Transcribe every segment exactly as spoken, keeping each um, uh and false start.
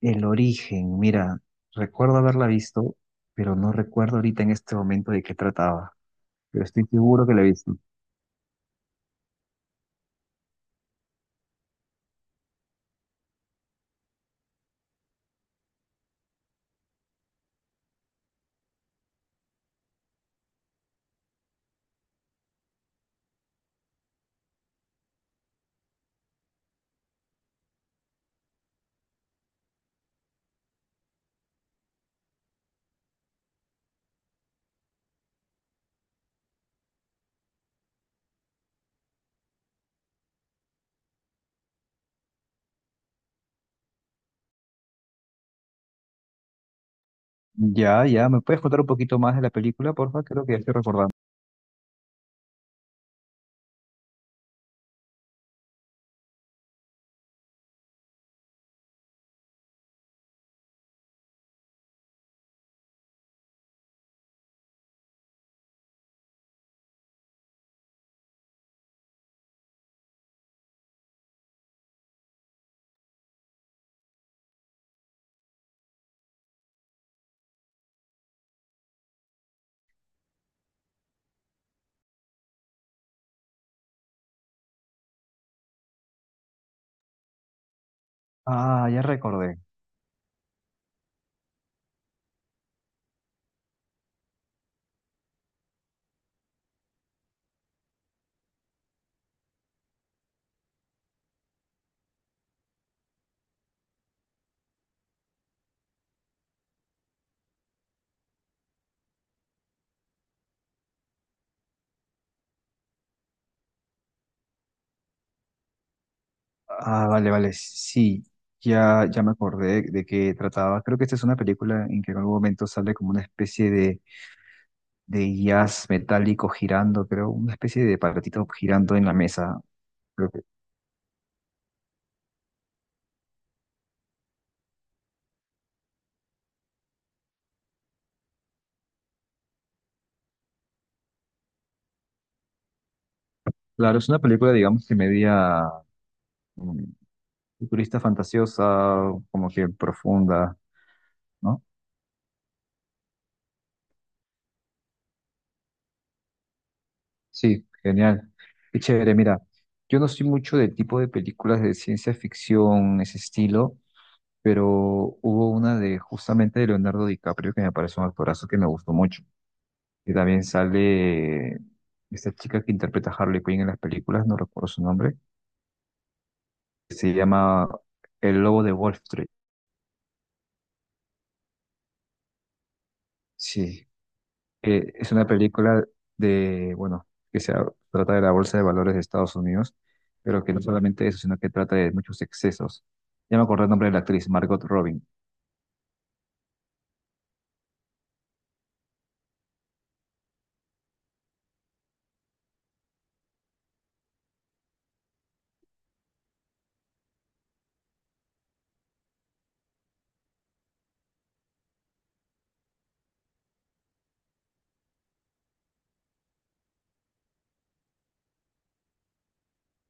El origen, mira, recuerdo haberla visto, pero no recuerdo ahorita en este momento de qué trataba, pero estoy seguro que la he visto. Ya, ya, ¿me puedes contar un poquito más de la película, porfa? Creo que ya estoy recordando. Ah, ya recordé. Ah, vale, vale, sí, ya, ya me acordé de qué trataba. Creo que esta es una película en que en algún momento sale como una especie de, de jazz metálico girando, creo, una especie de aparatito girando en la mesa. Creo que- Claro, es una película, digamos, que media mm, futurista fantasiosa, como que profunda, ¿no? Sí, genial. Qué chévere, mira, yo no soy mucho del tipo de películas de ciencia ficción, ese estilo, pero hubo una de justamente de Leonardo DiCaprio que me pareció un actorazo que me gustó mucho. Y también sale esta chica que interpreta a Harley Quinn en las películas, no recuerdo su nombre, se llama El Lobo de Wall Street. Sí, Eh, es una película de, bueno, que se trata de la Bolsa de Valores de Estados Unidos, pero que no solamente eso, sino que trata de muchos excesos. Ya me acordé el nombre de la actriz, Margot Robin.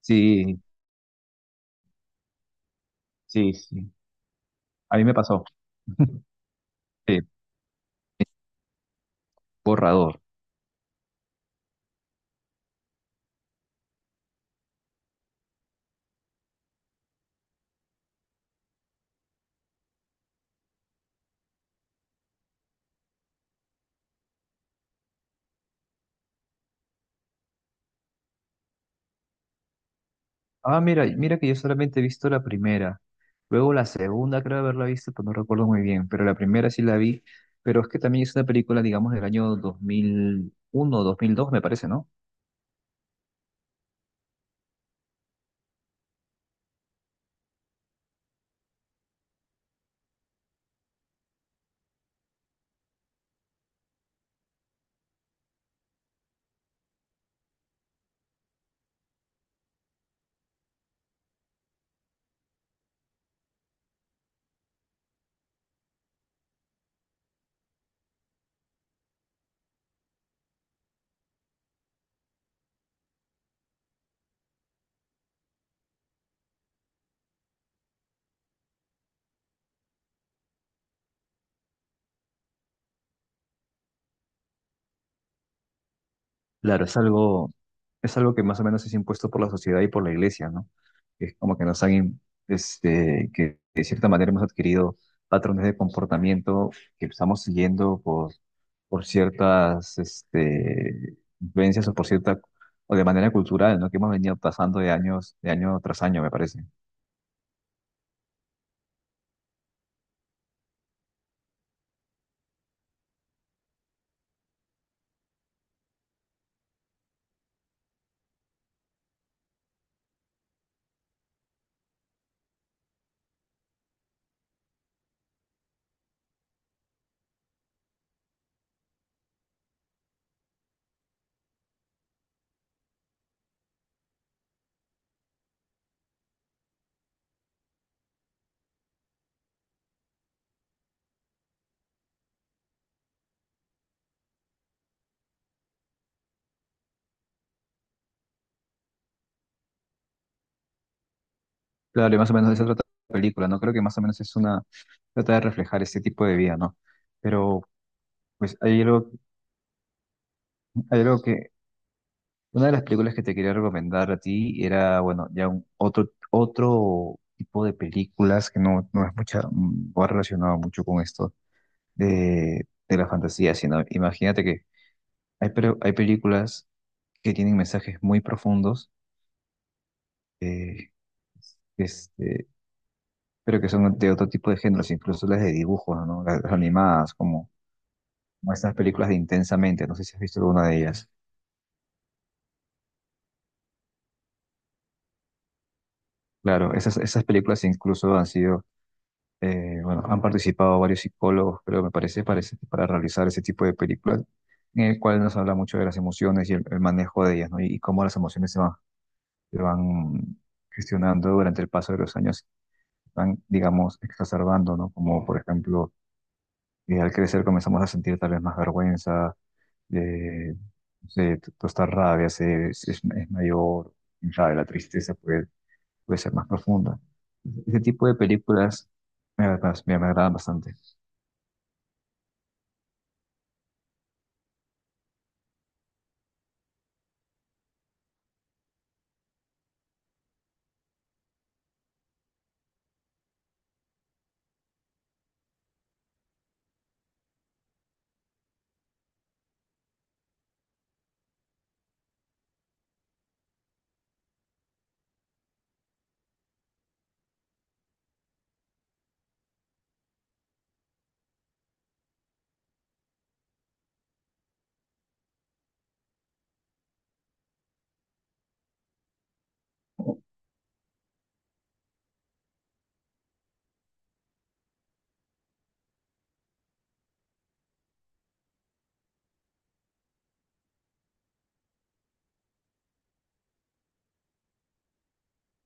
Sí, sí, sí. A mí me pasó. Sí, borrador. Ah, mira, mira que yo solamente he visto la primera. Luego la segunda creo haberla visto, pues no recuerdo muy bien, pero la primera sí la vi. Pero es que también es una película, digamos, del año dos dos mil uno dos mil dos, me parece, ¿no? Claro, es algo, es algo que más o menos es impuesto por la sociedad y por la iglesia, ¿no? Es como que nos han, im- este, que de cierta manera hemos adquirido patrones de comportamiento que estamos siguiendo por, por ciertas, este, influencias o por cierta, o de manera cultural, ¿no? Que hemos venido pasando de años, de año tras año, me parece. Claro, y más o menos de eso trata la película, ¿no? Creo que más o menos es una, trata de reflejar este tipo de vida, ¿no? Pero, pues, hay algo, hay algo que una de las películas que te quería recomendar a ti era, bueno, ya un otro, otro tipo de películas que no, no es mucha, no ha relacionado mucho con esto de, de la fantasía, sino imagínate que hay, pero hay películas que tienen mensajes muy profundos, eh, este, pero que son de otro tipo de géneros, incluso las de dibujos, ¿no? Las, las animadas, como, como estas películas de Intensamente, no sé si has visto alguna de ellas. Claro, esas, esas películas incluso han sido Eh, bueno, han participado varios psicólogos, creo, me parece, parece, para realizar ese tipo de películas, en el cual nos habla mucho de las emociones y el, el manejo de ellas, ¿no? Y, y cómo las emociones se van, se van gestionando durante el paso de los años, van, digamos, exacerbando, ¿no? Como, por ejemplo, eh, al crecer comenzamos a sentir tal vez más vergüenza, eh, no sé, t- toda esta rabia se, se- es, es mayor, quién sabe, la tristeza puede, puede ser más profunda. Ese tipo de películas me, agradan- me me agradan bastante.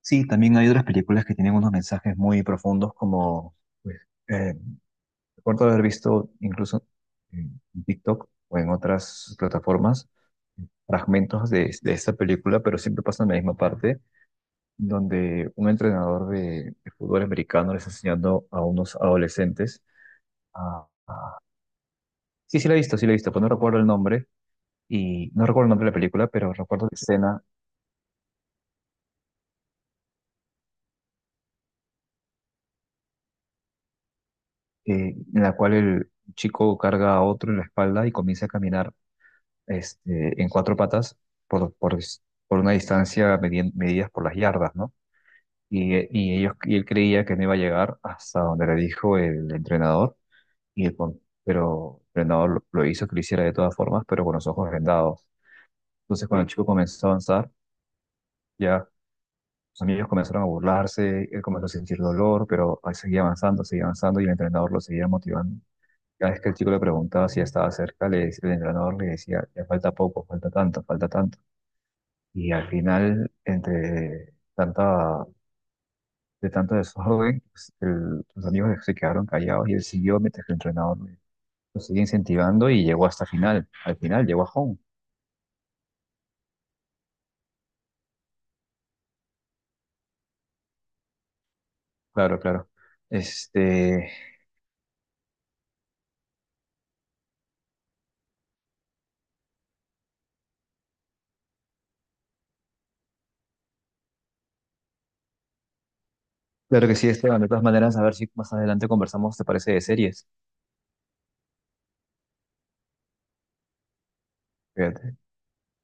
Sí, también hay otras películas que tienen unos mensajes muy profundos, como pues, eh, recuerdo haber visto incluso en TikTok o en otras plataformas fragmentos de, de esta película, pero siempre pasa en la misma parte, donde un entrenador de, de fútbol americano les está enseñando a unos adolescentes a, sí, sí la he visto, sí la he visto, pues no recuerdo el nombre, y no recuerdo el nombre de la película, pero recuerdo la escena eh, en la cual el chico carga a otro en la espalda y comienza a caminar este, en cuatro patas por, por, por una distancia medi- medidas por las yardas, ¿no? Y, eh, y, ellos, y él creía que no iba a llegar hasta donde le dijo el entrenador, y el, con- pero el entrenador lo, lo hizo que lo hiciera de todas formas, pero con los ojos vendados. Entonces, cuando el chico comenzó a avanzar, ya sus amigos comenzaron a burlarse, él comenzó a sentir dolor, pero ahí seguía avanzando, seguía avanzando, y el entrenador lo seguía motivando. Cada vez que el chico le preguntaba si ya estaba cerca, le, decía- el entrenador le decía, ya falta poco, falta tanto, falta tanto. Y al final, entre tanta, de tanto desorden, pues, el- los amigos se quedaron callados y él siguió mientras que el entrenador le- lo seguía incentivando y llegó hasta final. Al final llegó a home. Claro, claro. Este, claro que sí, Esteban. De todas maneras, a ver si más adelante conversamos, ¿te parece de series? Fíjate.